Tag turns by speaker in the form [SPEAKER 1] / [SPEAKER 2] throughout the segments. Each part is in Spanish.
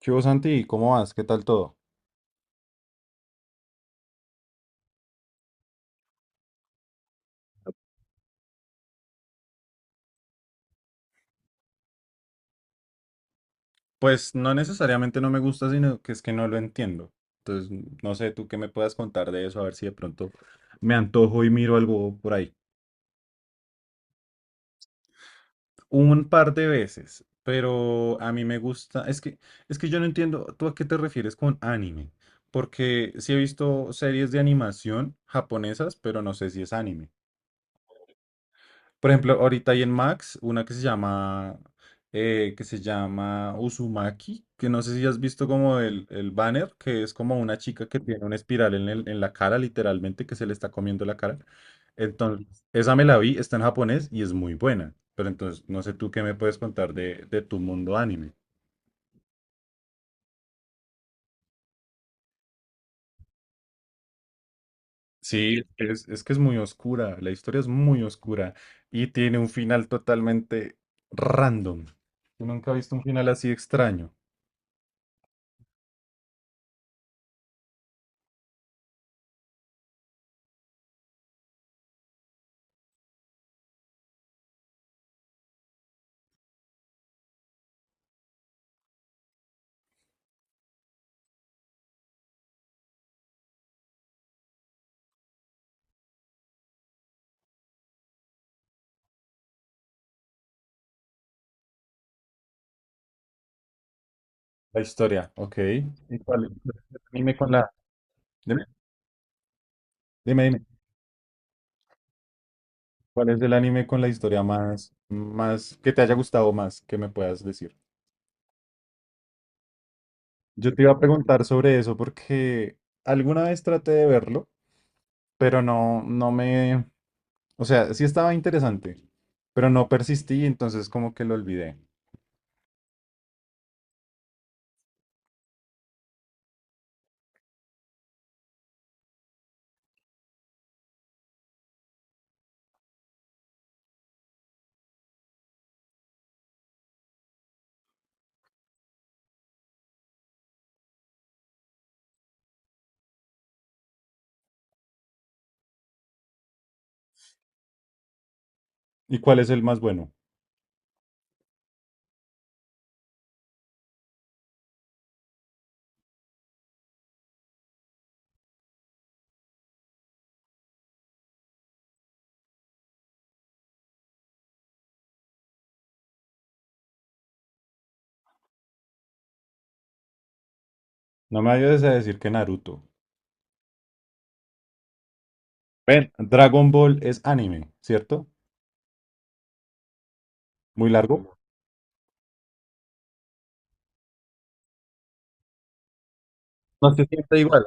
[SPEAKER 1] ¿Qué hubo, Santi? ¿Cómo vas? ¿Qué tal todo? Pues no necesariamente no me gusta, sino que es que no lo entiendo. Entonces, no sé, tú qué me puedas contar de eso, a ver si de pronto me antojo y miro algo por ahí. Un par de veces, pero a mí me gusta, es que yo no entiendo, ¿tú a qué te refieres con anime? Porque sí he visto series de animación japonesas, pero no sé si es anime. Por ejemplo, ahorita hay en Max una que se llama Uzumaki, que no sé si has visto como el banner, que es como una chica que tiene una espiral en en la cara, literalmente, que se le está comiendo la cara. Entonces, esa me la vi, está en japonés y es muy buena. Pero entonces, no sé tú qué me puedes contar de tu mundo anime. Sí, es que es muy oscura, la historia es muy oscura y tiene un final totalmente random. Yo nunca he visto un final así extraño. La historia, ok. ¿Y cuál es el anime con la... Dime, dime. ¿Cuál es el anime con la historia más, más, que te haya gustado más, que me puedas decir? Yo te iba a preguntar sobre eso porque alguna vez traté de verlo, pero no, no me, o sea, sí estaba interesante, pero no persistí, entonces como que lo olvidé. ¿Y cuál es el más bueno? No me vayas a decir que Naruto. Ven, Dragon Ball es anime, ¿cierto? Muy largo. No se siente igual.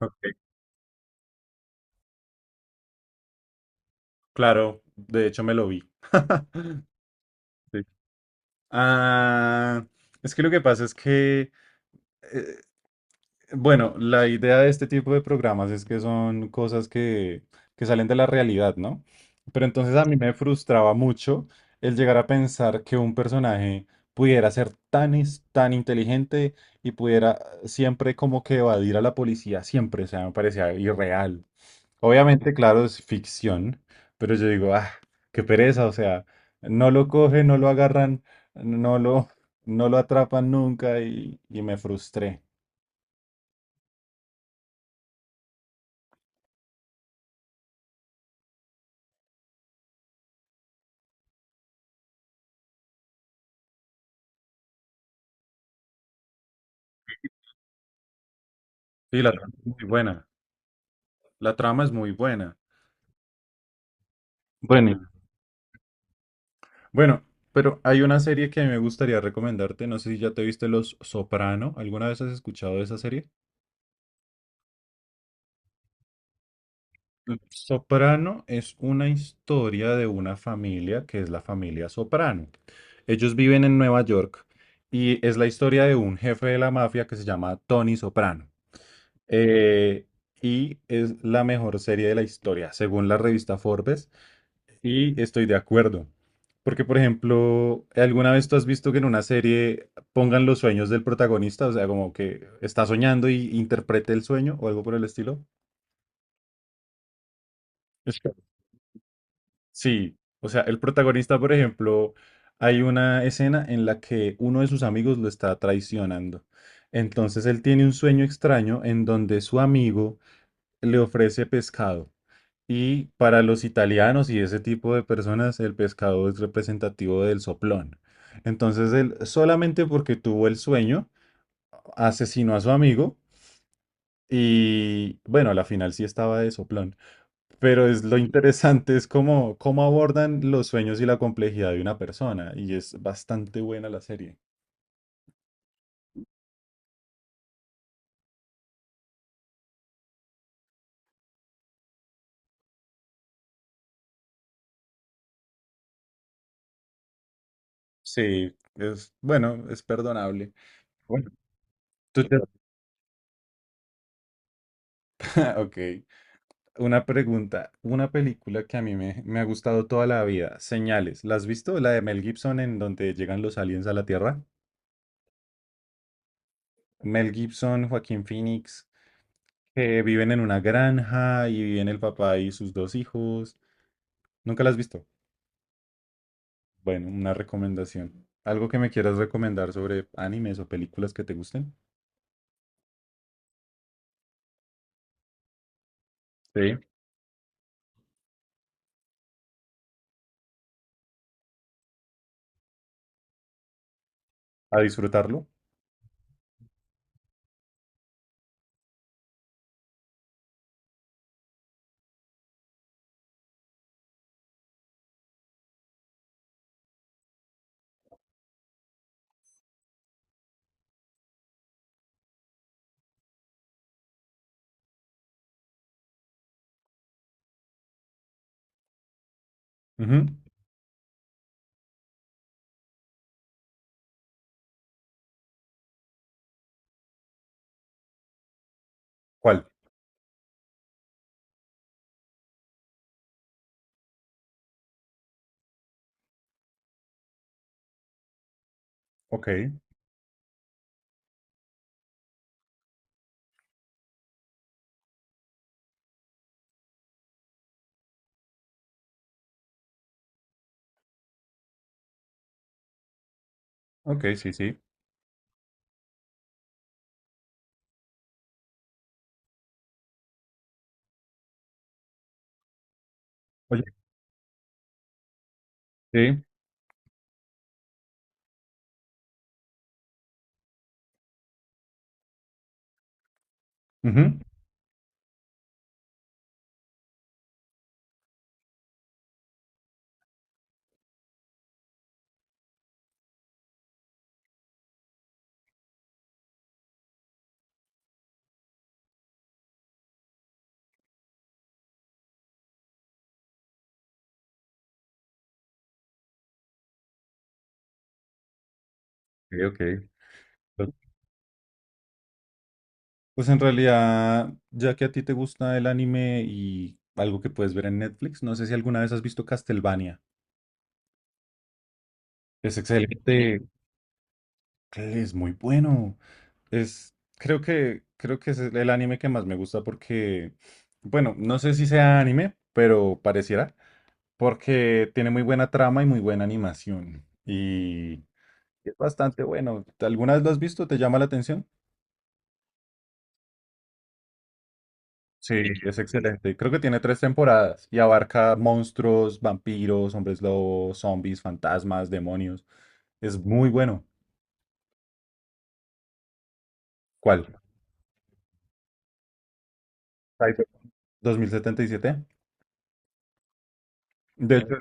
[SPEAKER 1] Ok, claro, de hecho me lo vi. Sí. Ah, es que lo que pasa es que, eh, bueno, la idea de este tipo de programas es que son cosas que salen de la realidad, ¿no? Pero entonces a mí me frustraba mucho el llegar a pensar que un personaje pudiera ser tan, tan inteligente y pudiera siempre como que evadir a la policía, siempre, o sea, me parecía irreal. Obviamente, claro, es ficción, pero yo digo, ah, qué pereza, o sea, no lo cogen, no lo agarran, no lo, no lo atrapan nunca y me frustré. Sí, la trama es muy buena. La trama es muy buena. Bueno, y- Bueno, pero hay una serie que a mí me gustaría recomendarte, no sé si ya te viste Los Soprano, ¿alguna vez has escuchado de esa serie? Mm, Soprano es una historia de una familia que es la familia Soprano. Ellos viven en Nueva York y es la historia de un jefe de la mafia que se llama Tony Soprano. Eh, y es la mejor serie de la historia, según la revista Forbes. Y estoy de acuerdo. Porque, por ejemplo, ¿alguna vez tú has visto que en una serie pongan los sueños del protagonista? O sea, como que está soñando y interprete el sueño o algo por el estilo. Sí, o sea, el protagonista, por ejemplo, hay una escena en la que uno de sus amigos lo está traicionando. Entonces él tiene un sueño extraño en donde su amigo le ofrece pescado. Y para los italianos y ese tipo de personas, el pescado es representativo del soplón. Entonces él, solamente porque tuvo el sueño, asesinó a su amigo y bueno, a la final sí estaba de soplón. Pero es lo interesante es cómo, cómo abordan los sueños y la complejidad de una persona. Y es bastante buena la serie. Sí, es bueno, es perdonable. Bueno, tú te- Ok, una pregunta. Una película que a mí me, me ha gustado toda la vida, Señales. ¿La has visto? La de Mel Gibson en donde llegan los aliens a la Tierra. Mel Gibson, Joaquín Phoenix, que viven en una granja y viven el papá y sus dos hijos. ¿Nunca la has visto? Bueno, una recomendación. ¿Algo que me quieras recomendar sobre animes o películas que te gusten? Sí. ¿A disfrutarlo? Ujú. ¿Cuál? Ok, ok, sí, sí. Oye, sí. Ujú. Ok, ok. Pues pues en realidad, ya que a ti te gusta el anime y algo que puedes ver en Netflix, no sé si alguna vez has visto Castlevania. Es excelente, es muy bueno. Es, creo que es el anime que más me gusta porque, bueno, no sé si sea anime, pero pareciera. Porque tiene muy buena trama y muy buena animación. Y es bastante bueno. ¿Alguna vez lo has visto? ¿Te llama la atención? Sí, es excelente. Creo que tiene 3 temporadas y abarca monstruos, vampiros, hombres lobos, zombies, fantasmas, demonios. Es muy bueno. ¿Cuál? Cyber 2077. De hecho,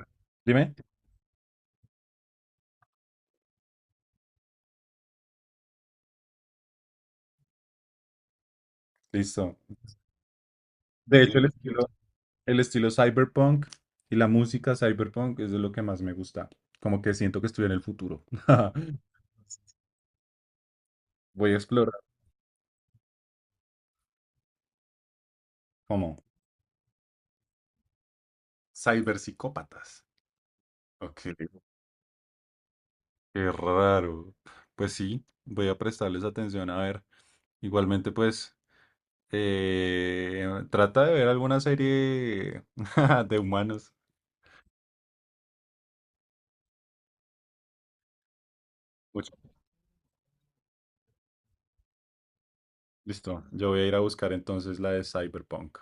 [SPEAKER 1] dime. Listo. De hecho, el estilo cyberpunk y la música cyberpunk es de lo que más me gusta. Como que siento que estoy en el futuro. Voy a explorar cómo. Cyberpsicópatas. Ok, qué raro. Pues sí, voy a prestarles atención a ver. Igualmente, pues, trata de ver alguna serie de humanos. Mucho. Listo, yo voy a ir a buscar entonces la de Cyberpunk.